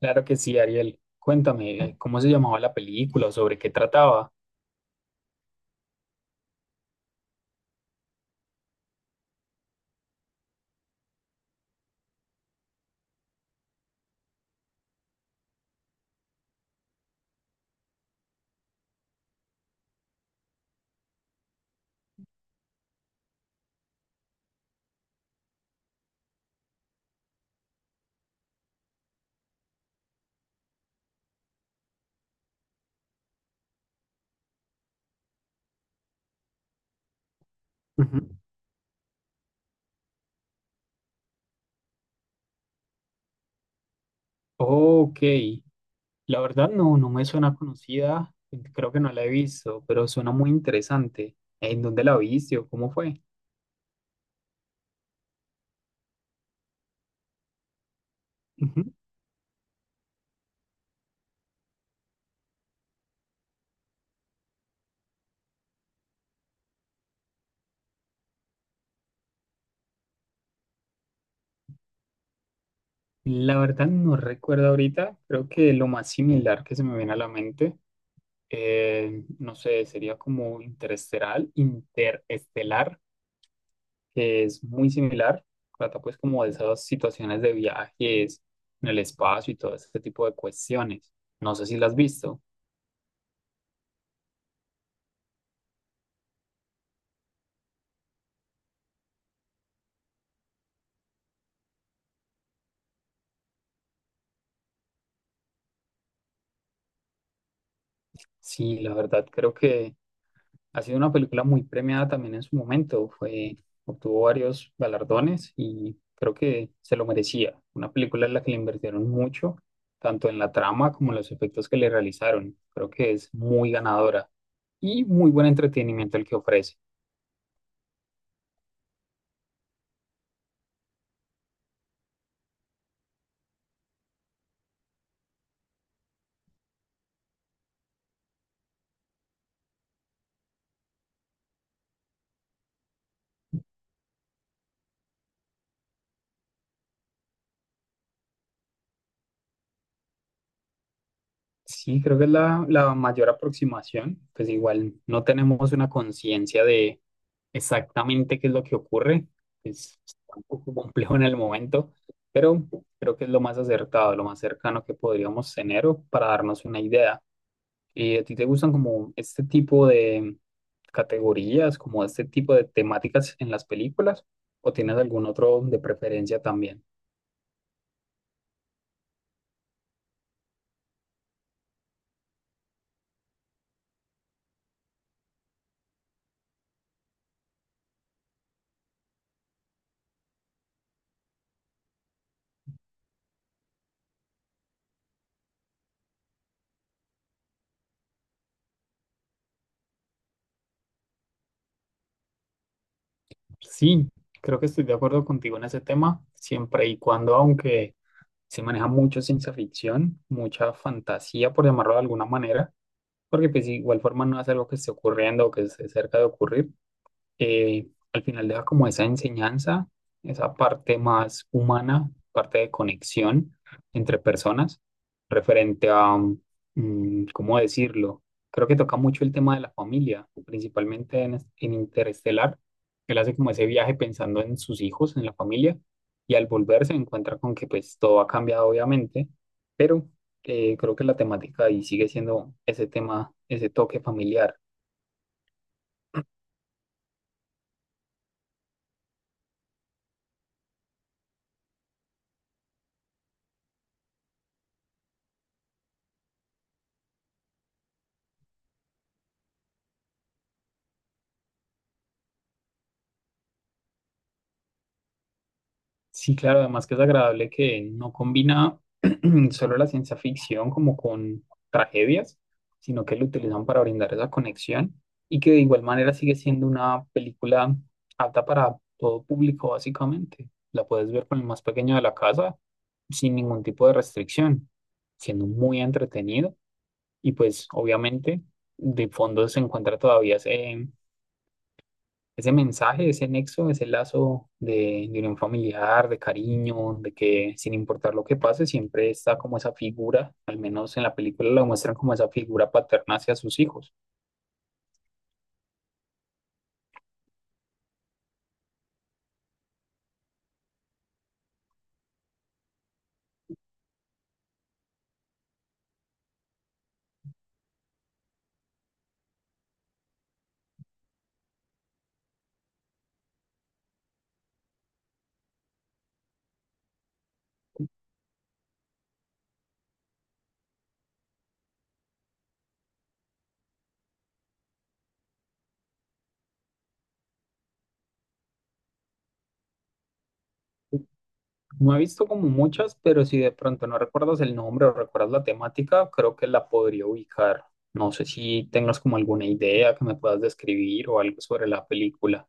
Claro que sí, Ariel. Cuéntame, ¿cómo se llamaba la película o sobre qué trataba? Ujú. Ok. La verdad no me suena conocida, creo que no la he visto, pero suena muy interesante. ¿En dónde la viste o cómo fue? Ujú. La verdad no recuerdo ahorita, creo que lo más similar que se me viene a la mente, no sé, sería como interestelar, interestelar, que es muy similar, trata pues como de esas situaciones de viajes en el espacio y todo ese tipo de cuestiones. No sé si la has visto. Sí, la verdad creo que ha sido una película muy premiada también en su momento. Fue, obtuvo varios galardones y creo que se lo merecía. Una película en la que le invirtieron mucho, tanto en la trama como en los efectos que le realizaron. Creo que es muy ganadora y muy buen entretenimiento el que ofrece. Sí, creo que es la mayor aproximación. Pues igual no tenemos una conciencia de exactamente qué es lo que ocurre. Es un poco complejo en el momento, pero creo que es lo más acertado, lo más cercano que podríamos tener o para darnos una idea. ¿Y a ti te gustan como este tipo de categorías, como este tipo de temáticas en las películas? ¿O tienes algún otro de preferencia también? Sí, creo que estoy de acuerdo contigo en ese tema, siempre y cuando, aunque se maneja mucho ciencia ficción, mucha fantasía, por llamarlo de alguna manera, porque pues igual forma no es algo que esté ocurriendo o que esté cerca de ocurrir. eh, Al final deja como esa enseñanza, esa parte más humana, parte de conexión entre personas, referente a, ¿cómo decirlo? Creo que toca mucho el tema de la familia, principalmente en, en Interestelar. Él hace como ese viaje pensando en sus hijos, en la familia, y al volver se encuentra con que pues todo ha cambiado obviamente, pero creo que la temática ahí sigue siendo ese tema, ese toque familiar. Sí, claro, además que es agradable que no combina solo la ciencia ficción como con tragedias, sino que lo utilizan para brindar esa conexión y que de igual manera sigue siendo una película apta para todo público, básicamente. La puedes ver con el más pequeño de la casa sin ningún tipo de restricción, siendo muy entretenido y pues obviamente de fondo se encuentra todavía ese mensaje, ese nexo, ese lazo de unión familiar, de cariño, de que sin importar lo que pase, siempre está como esa figura, al menos en la película la muestran como esa figura paterna hacia sus hijos. No he visto como muchas, pero si de pronto no recuerdas el nombre o recuerdas la temática, creo que la podría ubicar. No sé si tengas como alguna idea que me puedas describir o algo sobre la película.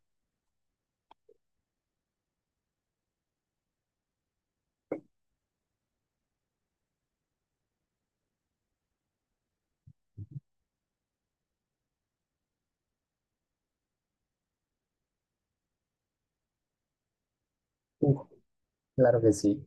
Uh, claro que sí.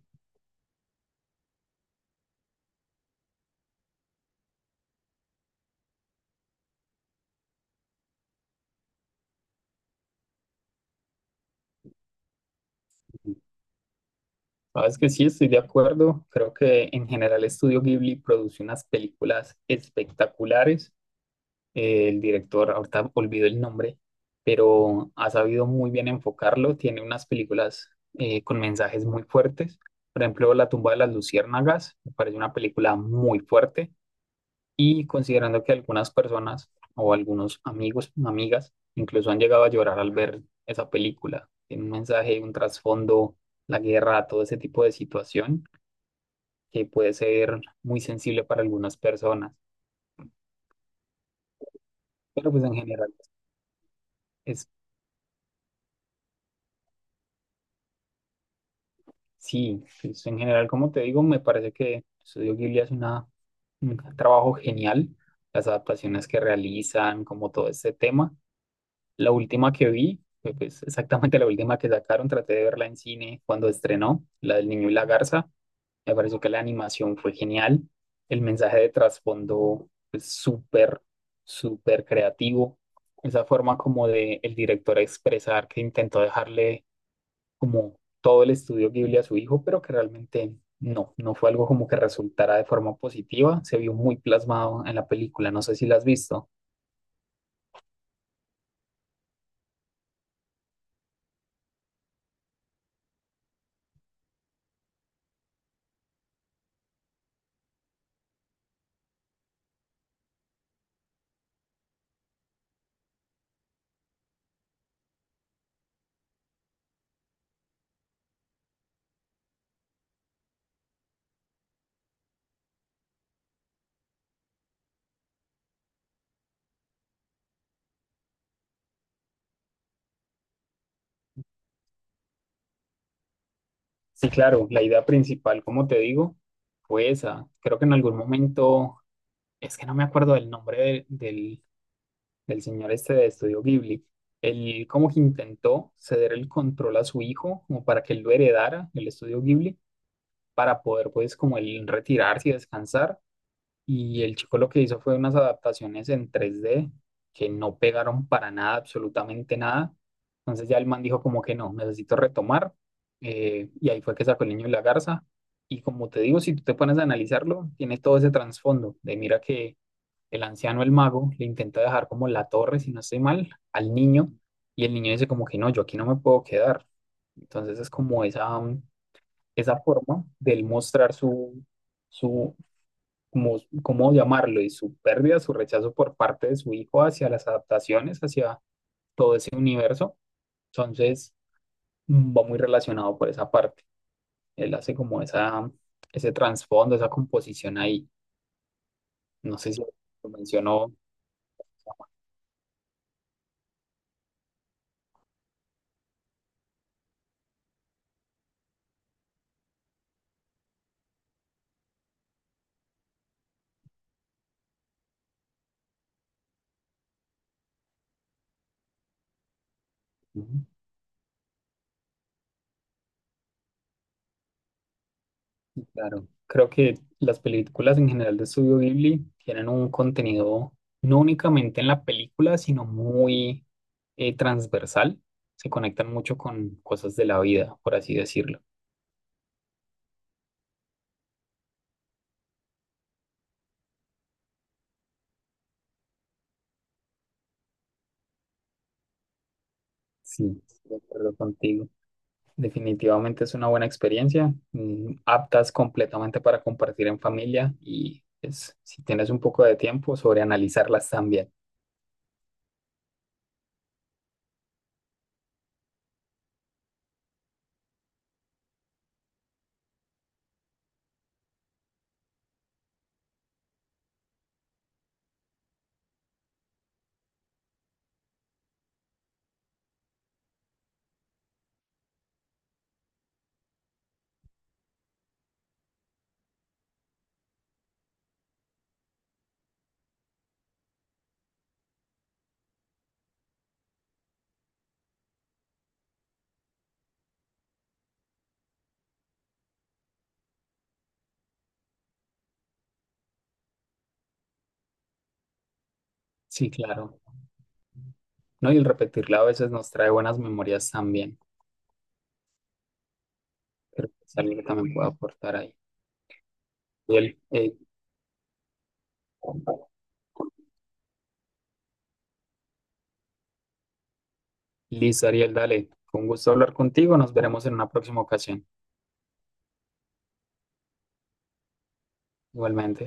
Sabes que sí, estoy de acuerdo. Creo que en general Estudio Ghibli produce unas películas espectaculares. El director, ahorita olvido el nombre, pero ha sabido muy bien enfocarlo. Tiene unas películas con mensajes muy fuertes. Por ejemplo, La tumba de las luciérnagas me parece una película muy fuerte. Y considerando que algunas personas o algunos amigos, amigas, incluso han llegado a llorar al ver esa película. Tiene un mensaje, un trasfondo, la guerra, todo ese tipo de situación que puede ser muy sensible para algunas personas, pero pues en general es, sí, pues en general, como te digo, me parece que Estudio Ghibli es una, un trabajo genial, las adaptaciones que realizan, como todo este tema. La última que vi, fue, pues exactamente la última que sacaron, traté de verla en cine cuando estrenó, la del niño y la garza. Me pareció que la animación fue genial. El mensaje de trasfondo es súper, súper creativo. Esa forma como de el director expresar que intentó dejarle como todo el estudio Ghibli a su hijo, pero que realmente no fue algo como que resultara de forma positiva. Se vio muy plasmado en la película. No sé si la has visto. Sí, claro, la idea principal, como te digo, fue esa. Creo que en algún momento, es que no me acuerdo del nombre del señor este de Estudio Ghibli. Él como que intentó ceder el control a su hijo, como para que él lo heredara, el Estudio Ghibli, para poder pues como él retirarse y descansar. Y el chico lo que hizo fue unas adaptaciones en 3D que no pegaron para nada, absolutamente nada. Entonces ya el man dijo como que no, necesito retomar. Y ahí fue que sacó el niño y la garza. Y como te digo, si tú te pones a analizarlo, tiene todo ese trasfondo de mira que el anciano, el mago, le intenta dejar como la torre, si no estoy mal, al niño, y el niño dice como que no, yo aquí no me puedo quedar. Entonces es como esa, esa forma del mostrar su, su, como, cómo llamarlo, y su pérdida, su rechazo por parte de su hijo hacia las adaptaciones, hacia todo ese universo. Entonces va muy relacionado por esa parte. Él hace como esa, ese trasfondo, esa composición ahí. No sé si lo mencionó. Ujú. Sí, claro, creo que las películas en general de Estudio Ghibli tienen un contenido no únicamente en la película, sino muy transversal. Se conectan mucho con cosas de la vida, por así decirlo. Sí, estoy de acuerdo contigo. Definitivamente es una buena experiencia, aptas completamente para compartir en familia y pues, si tienes un poco de tiempo, sobre analizarlas también. Sí, claro. No, y el repetirla a veces nos trae buenas memorias también. Pero es algo que también puedo aportar ahí. Ariel, listo, Ariel, dale. Con gusto hablar contigo. Nos veremos en una próxima ocasión. Igualmente.